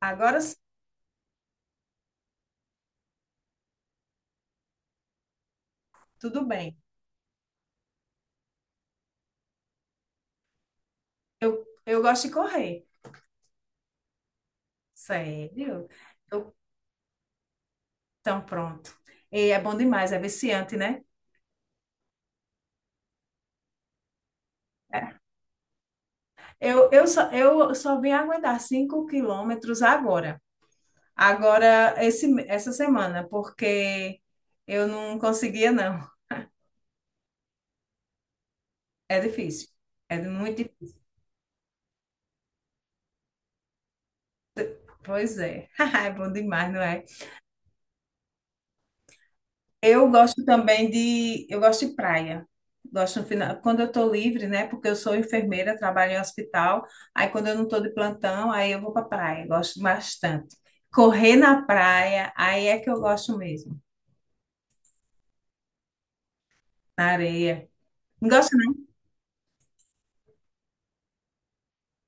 Agora sim, tudo bem. Eu gosto de correr. Sério? Eu, então pronto. E é bom demais, é viciante, né? Eu só vim aguentar 5 km agora. Agora, essa semana, porque eu não conseguia, não. É difícil. É muito difícil. Pois é. É bom demais, não é? Eu gosto de praia. Gosto no final, quando eu estou livre, né? Porque eu sou enfermeira, trabalho em hospital. Aí quando eu não estou de plantão, aí eu vou para praia. Gosto bastante. Correr na praia, aí é que eu gosto mesmo. Na areia. Não gosto, não.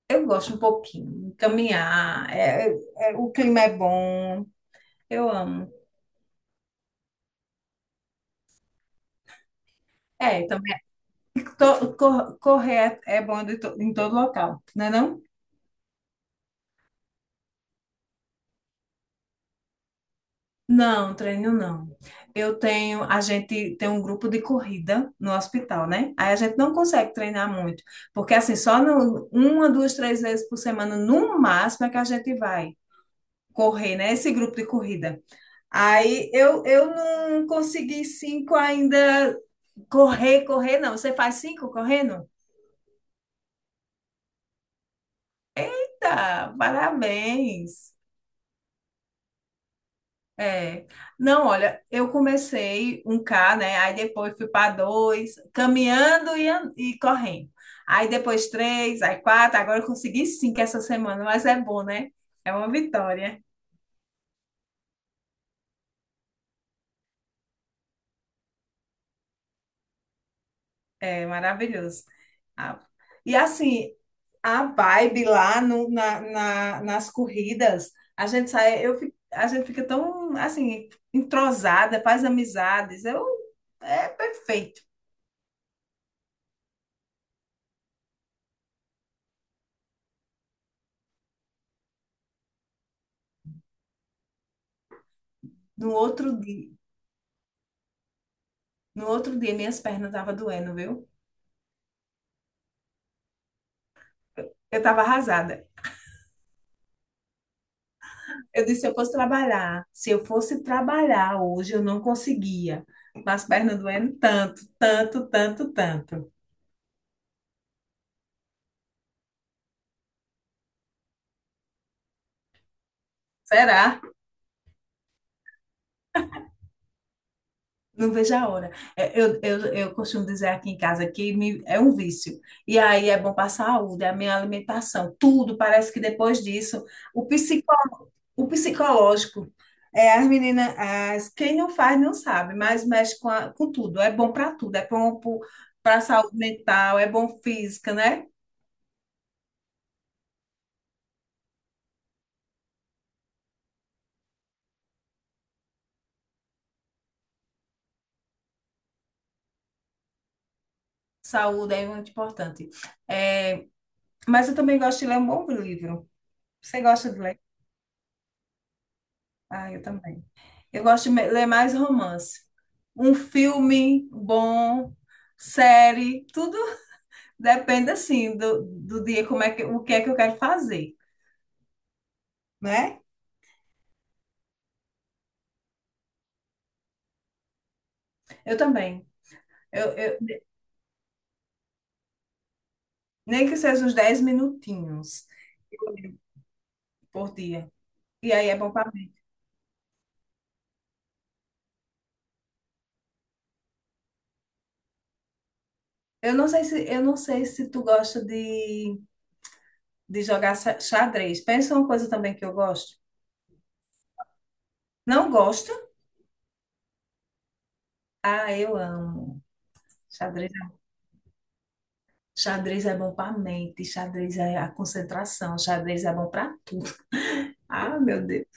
Eu gosto um pouquinho. Caminhar, o clima é bom. Eu amo. É, também. Correr é bom em todo local, não é não? Não, treino não. Eu tenho, a gente tem um grupo de corrida no hospital, né? Aí a gente não consegue treinar muito, porque assim, só no- uma, duas, três vezes por semana, no máximo, é que a gente vai correr, né? Esse grupo de corrida. Aí eu não consegui cinco ainda correr, não. Você faz cinco correndo? Tá, parabéns. É. Não, olha, eu comecei 1K, né? Aí depois fui para dois, caminhando e correndo. Aí depois três, aí quatro, agora eu consegui cinco essa semana, mas é bom, né? É uma vitória. É maravilhoso. Ah, e assim, a vibe lá no, na, na- nas corridas, a gente sai, a gente fica tão assim, entrosada, faz amizades. É perfeito. No outro dia. No outro dia, minhas pernas estavam doendo, viu? Eu estava arrasada. Eu disse, se eu fosse trabalhar hoje, eu não conseguia. Mas as pernas doendo tanto, tanto, tanto, tanto. Será? Não vejo a hora. É, eu costumo dizer aqui em casa é um vício. E aí é bom para a saúde, é a minha alimentação, tudo. Parece que depois disso, o psicó, o psicológico. É, as meninas, quem não faz não sabe, mas mexe com tudo. É bom para tudo. É bom para a saúde mental, é bom física, né? Saúde é muito importante. É, mas eu também gosto de ler um bom livro. Você gosta de ler? Ah, eu também. Eu gosto de ler mais romance. Um filme bom, série, tudo depende assim do dia, o que é que eu quero fazer, né? Eu também. Eu, eu- Nem que seja uns 10 minutinhos eu leio por dia. E aí é bom para mim. Eu não sei se tu gosta de jogar xadrez. Pensa uma coisa também que eu gosto. Não gosto? Ah, eu amo. Xadrez. Xadrez é bom para a mente, xadrez é a concentração, xadrez é bom para tudo. Ah, meu Deus.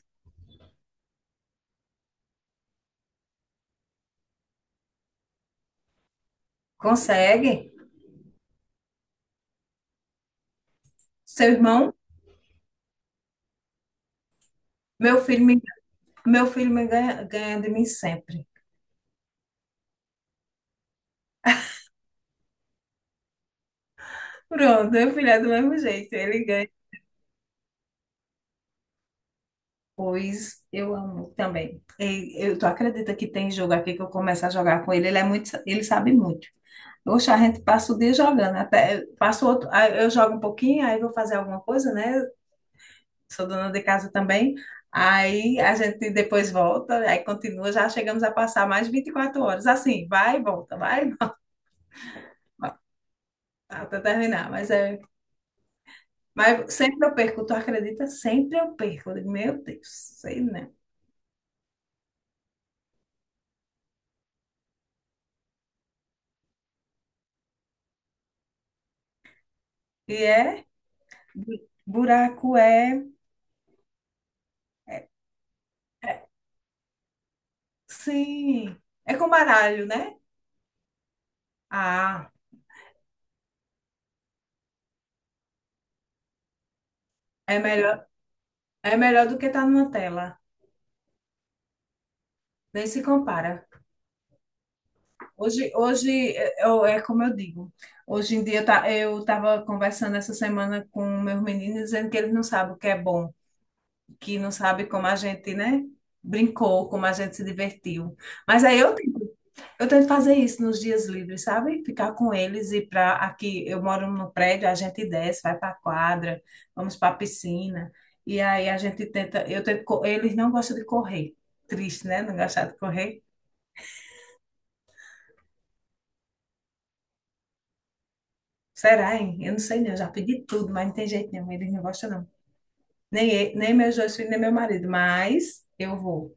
Consegue? Seu irmão, meu filho me, meu filho ganha de mim sempre. Pronto, meu filho é do mesmo jeito, ele ganha. Pois eu amo também. Tu acredita que tem jogo aqui que eu começo a jogar com ele? Ele sabe muito. Oxe, a gente passa o dia jogando, até passo outro, aí eu jogo um pouquinho, aí vou fazer alguma coisa, né? Sou dona de casa também. Aí a gente depois volta, aí continua, já chegamos a passar mais 24 horas. Assim, vai e volta até terminar. Mas sempre eu perco, tu acredita? Sempre eu perco. Eu digo, meu Deus, sei não. E é, buraco é, sim, é com baralho, né? Ah, é melhor, é melhor do que estar numa tela. Nem se compara. Hoje é como eu digo. Hoje em dia eu estava conversando essa semana com meus meninos dizendo que eles não sabem o que é bom, que não sabem como a gente, né, brincou, como a gente se divertiu. Mas aí eu tento fazer isso nos dias livres, sabe? Ficar com eles e para aqui eu moro no prédio, a gente desce, vai para a quadra, vamos para a piscina e aí eu tento, eles não gostam de correr. Triste, né? Não gostar de correr. Será, hein? Eu não sei não, eu já pedi tudo, mas não tem jeito nenhum, eles não gostam não. Nem meus dois filhos, nem meu marido, mas eu vou.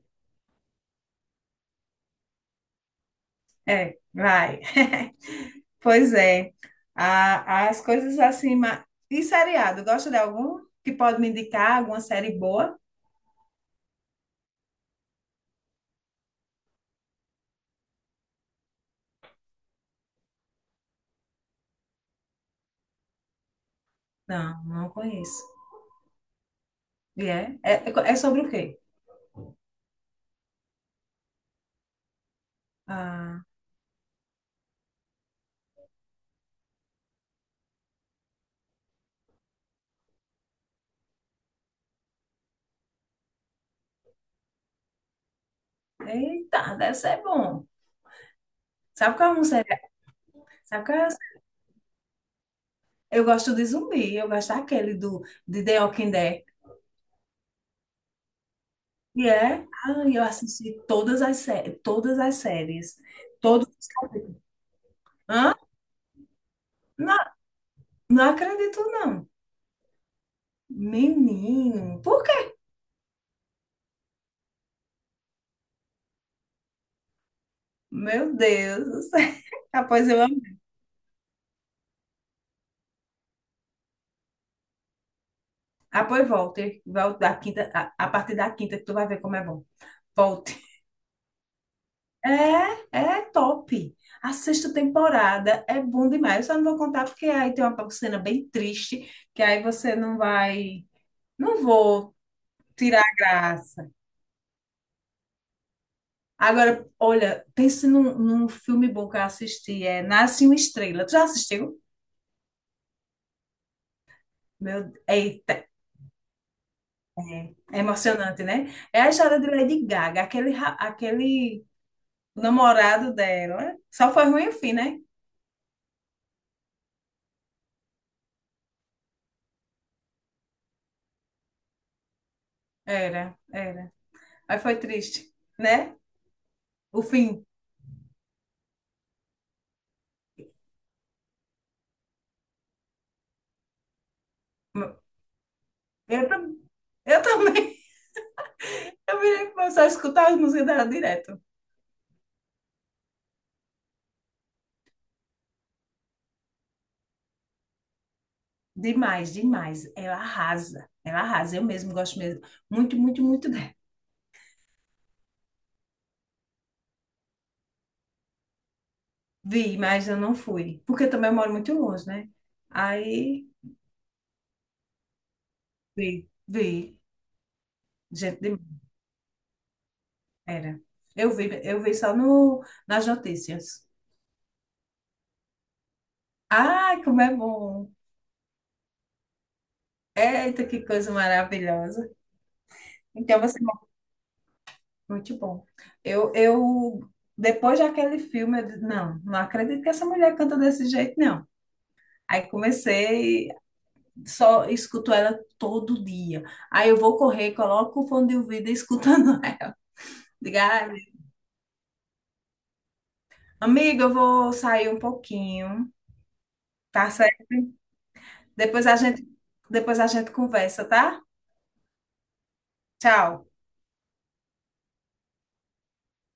É, vai. Pois é. As coisas assim, e seriado, gosta de algum que pode me indicar alguma série boa? Não, não conheço. E é? É sobre o quê? Ah, eita, deve ser bom. Sabe qual é um série? Sabe qual é? Eu gosto de zumbi, eu gosto daquele do de The Walking Dead. E é, ah, eu assisti todas as séries, todos os capítulos. Hã? Não, não acredito, não. Menino, por quê? Meu Deus do céu. Após eu amo. Após volte. Volte da quinta, a partir da quinta que tu vai ver como é bom. Volte. É top. A sexta temporada é bom demais. Eu só não vou contar porque aí tem uma cena bem triste, que aí você não vai. Não vou tirar a graça. Agora, olha, pense num, filme bom que eu assisti, é Nasce uma Estrela. Tu já assistiu? Meu, eita, é emocionante, né? É a história de Lady Gaga, aquele namorado dela. Só foi ruim o fim, né? Era, era. Aí foi triste, né? O fim. Eu, tam- eu também. Eu virei pra só escutar as músicas dela direto. Demais, demais. Ela arrasa. Ela arrasa. Eu mesmo gosto mesmo. Muito, muito, muito Vi, mas eu não fui. Porque eu também moro muito longe, né? Aí vi, vi. Gente, era. Eu vi só no, nas notícias. Ai, como é bom! Eita, que coisa maravilhosa. Então você é muito bom. Eu depois daquele filme, eu disse, não, não acredito que essa mulher canta desse jeito, não. Aí comecei, só escuto ela todo dia. Aí eu vou correr, coloco o fone de ouvido e escutando ela. Diga, ai, amiga, eu vou sair um pouquinho, tá certo? Depois a gente, depois a gente conversa, tá? Tchau.